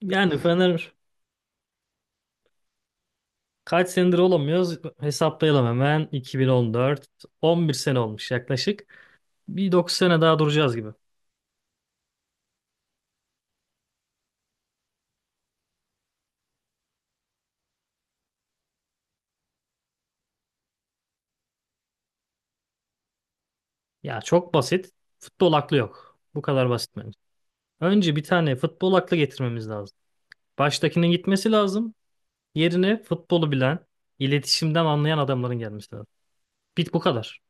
Yani Fener, kaç senedir olamıyoruz, hesaplayalım hemen. 2014, 11 sene olmuş yaklaşık. Bir 9 sene daha duracağız gibi. Ya çok basit, futbol aklı yok, bu kadar basit bence. Önce bir tane futbol aklı getirmemiz lazım. Baştakinin gitmesi lazım, yerine futbolu bilen, iletişimden anlayan adamların gelmesi lazım. Bit bu kadar.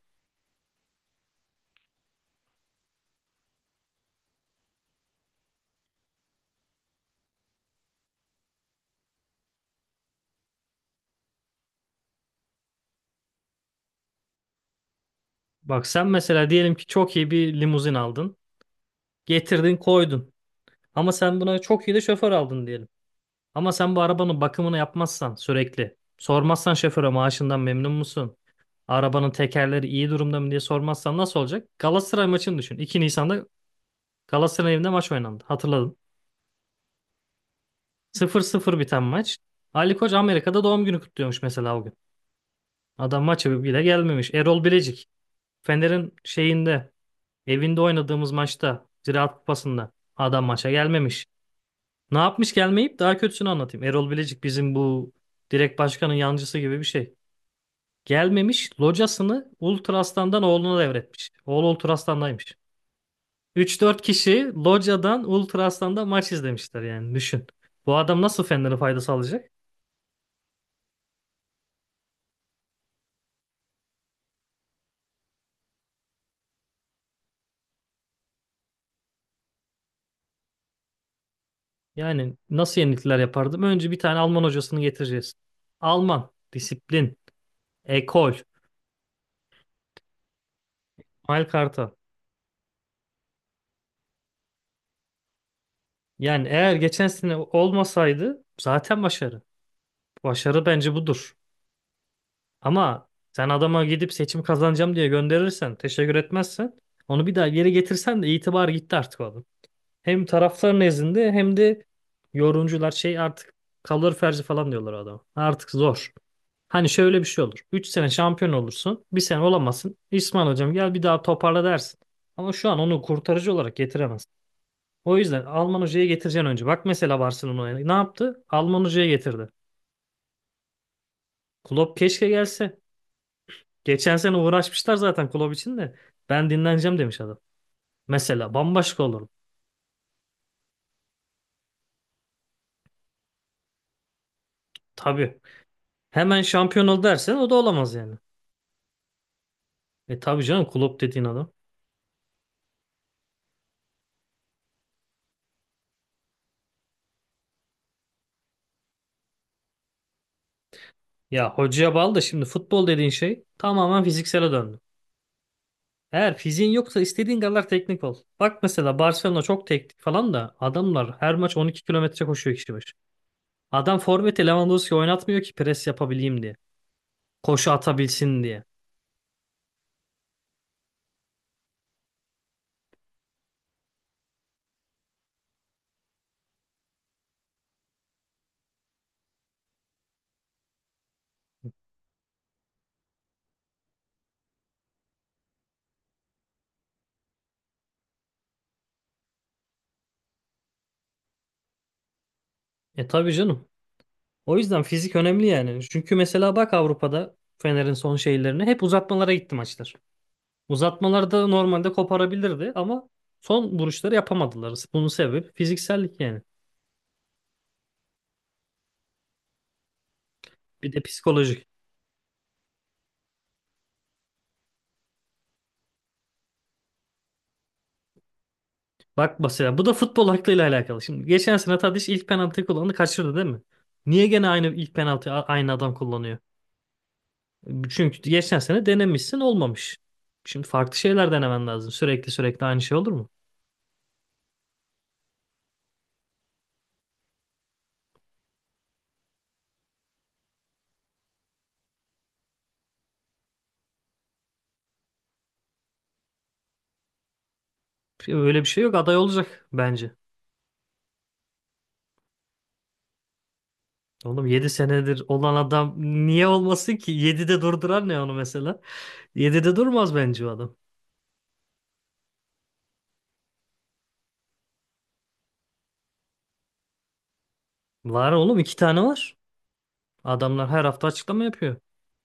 Bak sen mesela, diyelim ki çok iyi bir limuzin aldın, getirdin koydun, ama sen buna çok iyi de şoför aldın diyelim. Ama sen bu arabanın bakımını yapmazsan sürekli, sormazsan şoföre maaşından memnun musun? Arabanın tekerleri iyi durumda mı diye sormazsan nasıl olacak? Galatasaray maçını düşün. 2 Nisan'da Galatasaray evinde maç oynandı. Hatırladın. Sıfır sıfır biten maç. Ali Koç Amerika'da doğum günü kutluyormuş mesela o gün. Adam maça bile gelmemiş. Erol Bilecik. Fener'in şeyinde, evinde oynadığımız maçta, Ziraat Kupası'nda adam maça gelmemiş. Ne yapmış gelmeyip, daha kötüsünü anlatayım. Erol Bilecik bizim bu direkt başkanın yancısı gibi bir şey. Gelmemiş, locasını ultrastandan oğluna devretmiş. Oğlu ultrastandaymış. Üç dört kişi locadan Ultraaslan'da maç izlemişler, yani düşün. Bu adam nasıl Fener'e fayda sağlayacak? Yani nasıl yenilikler yapardım? Önce bir tane Alman hocasını getireceğiz. Alman, disiplin, ekol, malkarta. Yani eğer geçen sene olmasaydı zaten başarı. Başarı bence budur. Ama sen adama gidip seçim kazanacağım diye gönderirsen, teşekkür etmezsen, onu bir daha geri getirsen de itibar gitti artık o adam. Hem taraftar nezdinde hem de yorumcular şey artık kalır ferzi falan diyorlar o adama. Artık zor. Hani şöyle bir şey olur. 3 sene şampiyon olursun. Bir sene olamazsın. İsmail hocam gel bir daha toparla dersin. Ama şu an onu kurtarıcı olarak getiremez. O yüzden Alman hocayı getireceksin önce. Bak mesela Barcelona'ya ne yaptı? Alman hocayı getirdi. Klopp keşke gelse. Geçen sene uğraşmışlar zaten kulüp için de. Ben dinleneceğim demiş adam. Mesela bambaşka olur. Tabii. Hemen şampiyon ol dersen o da olamaz yani. E tabii canım, kulüp dediğin adam. Ya hocaya bağlı da, şimdi futbol dediğin şey tamamen fiziksele döndü. Eğer fiziğin yoksa istediğin kadar teknik ol. Bak mesela Barcelona çok teknik falan da adamlar her maç 12 kilometre koşuyor kişi başı. Adam forveti Lewandowski oynatmıyor ki pres yapabileyim diye. Koşu atabilsin diye. E tabii canım. O yüzden fizik önemli yani. Çünkü mesela bak, Avrupa'da Fener'in son şeylerine hep uzatmalara gitti maçlar. Uzatmalarda normalde koparabilirdi ama son vuruşları yapamadılar. Bunun sebebi fiziksellik yani. Bir de psikolojik. Bak mesela bu da futbol aklıyla alakalı. Şimdi geçen sene Tadiç ilk penaltıyı kullandı, kaçırdı değil mi? Niye gene aynı ilk penaltıyı aynı adam kullanıyor? Çünkü geçen sene denemişsin, olmamış. Şimdi farklı şeyler denemen lazım. Sürekli sürekli aynı şey olur mu? Öyle bir şey yok. Aday olacak bence. Oğlum 7 senedir olan adam niye olmasın ki? 7'de durduran ne onu mesela? 7'de durmaz bence o adam. Var oğlum, iki tane var. Adamlar her hafta açıklama yapıyor.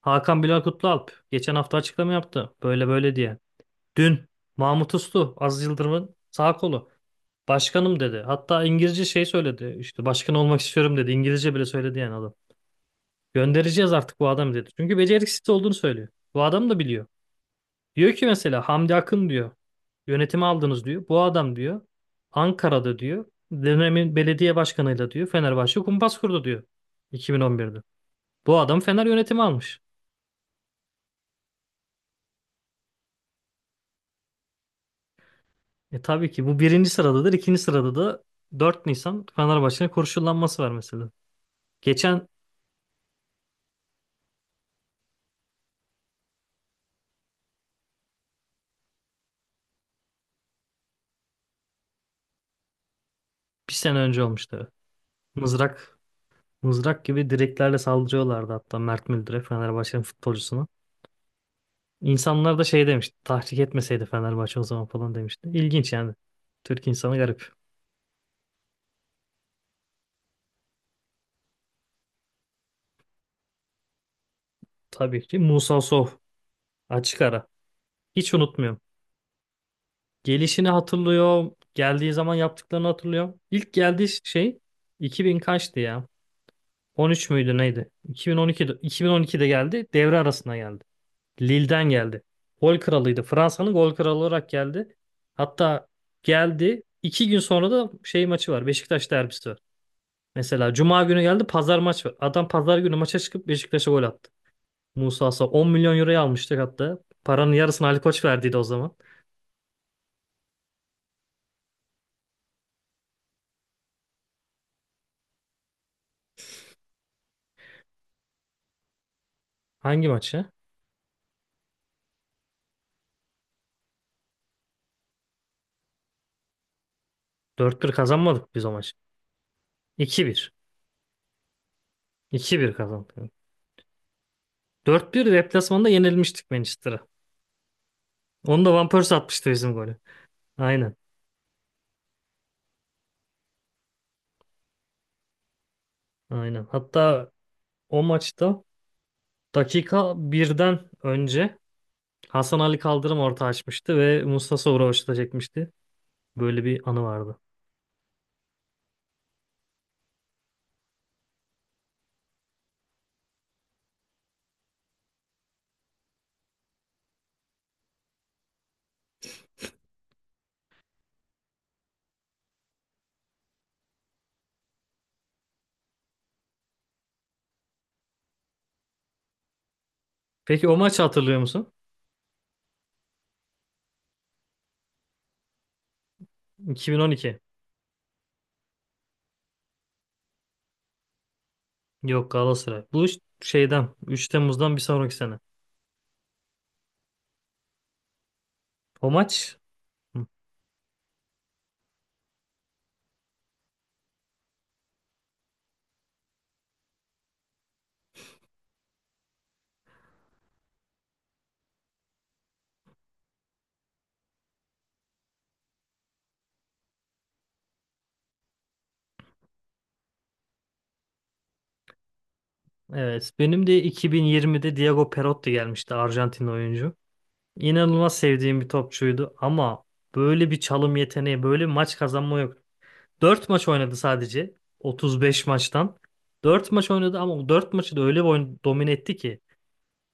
Hakan Bilal Kutlualp geçen hafta açıklama yaptı. Böyle böyle diye. Dün Mahmut Uslu, Aziz Yıldırım'ın sağ kolu, başkanım dedi. Hatta İngilizce şey söyledi. İşte başkan olmak istiyorum dedi. İngilizce bile söyledi yani adam. Göndereceğiz artık bu adamı dedi. Çünkü beceriksiz olduğunu söylüyor. Bu adam da biliyor. Diyor ki mesela, Hamdi Akın diyor, yönetimi aldınız diyor. Bu adam diyor, Ankara'da diyor, dönemin belediye başkanıyla diyor Fenerbahçe kumpas kurdu diyor, 2011'de. Bu adam Fener yönetimi almış. E tabii ki bu birinci sıradadır. İkinci sırada da 4 Nisan Fenerbahçe'nin kurşunlanması var mesela. Geçen bir sene önce olmuştu. Mızrak, mızrak gibi direklerle saldırıyorlardı hatta Mert Müldür'e, Fenerbahçe'nin futbolcusuna. İnsanlar da şey demişti, tahrik etmeseydi Fenerbahçe o zaman falan demişti. İlginç yani. Türk insanı garip. Tabii ki Musa Sow. Açık ara. Hiç unutmuyorum. Gelişini hatırlıyorum. Geldiği zaman yaptıklarını hatırlıyorum. İlk geldiği şey 2000 kaçtı ya? 13 müydü neydi? 2012'de geldi. Devre arasına geldi. Lille'den geldi. Gol kralıydı. Fransa'nın gol kralı olarak geldi. Hatta geldi. 2 gün sonra da şey maçı var. Beşiktaş derbisi var. Mesela Cuma günü geldi, pazar maç var. Adam pazar günü maça çıkıp Beşiktaş'a gol attı. Musa Sow 10 milyon euroya almıştık hatta. Paranın yarısını Ali Koç verdiydi o zaman. Hangi maçı? 4-1 kazanmadık biz o maçı. 2-1. 2-1 kazandık. 4-1 deplasmanda yenilmiştik Manchester'a. Onu da Van Persie atmıştı, bizim golü. Aynen. Aynen. Hatta o maçta dakika birden önce Hasan Ali Kaldırım orta açmıştı ve Musa Sow'u çekmişti. Böyle bir anı vardı. Peki o maçı hatırlıyor musun? 2012. Yok, Galatasaray. Bu iş şeyden, 3 Temmuz'dan bir sonraki sene. O maç. Hı, evet benim de 2020'de Diego Perotti gelmişti, Arjantin oyuncu. İnanılmaz sevdiğim bir topçuydu ama böyle bir çalım yeteneği, böyle bir maç kazanma yok. 4 maç oynadı sadece, 35 maçtan. 4 maç oynadı ama o dört maçı da öyle bir oyun domine etti ki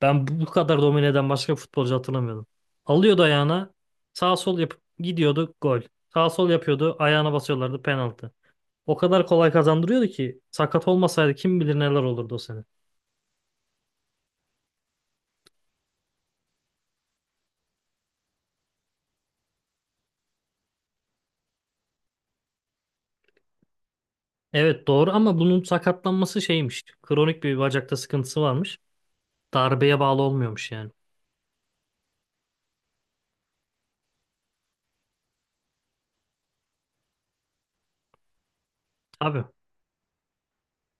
ben bu kadar domine eden başka bir futbolcu hatırlamıyordum. Alıyordu ayağına, sağ sol yapıp gidiyordu, gol. Sağ sol yapıyordu, ayağına basıyorlardı, penaltı. O kadar kolay kazandırıyordu ki sakat olmasaydı kim bilir neler olurdu o sene. Evet doğru, ama bunun sakatlanması şeymiş. Kronik bir bacakta sıkıntısı varmış. Darbeye bağlı olmuyormuş yani. Abi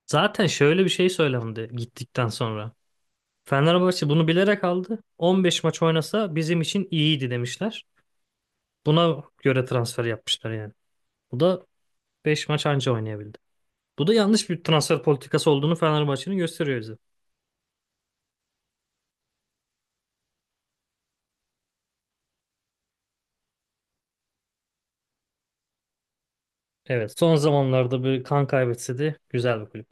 zaten şöyle bir şey söylendi gittikten sonra. Fenerbahçe bunu bilerek aldı. 15 maç oynasa bizim için iyiydi demişler. Buna göre transfer yapmışlar yani. Bu da 5 maç anca oynayabildi. Bu da yanlış bir transfer politikası olduğunu Fenerbahçe'nin gösteriyor bize. Evet son zamanlarda bir kan kaybetse de güzel bir kulüp.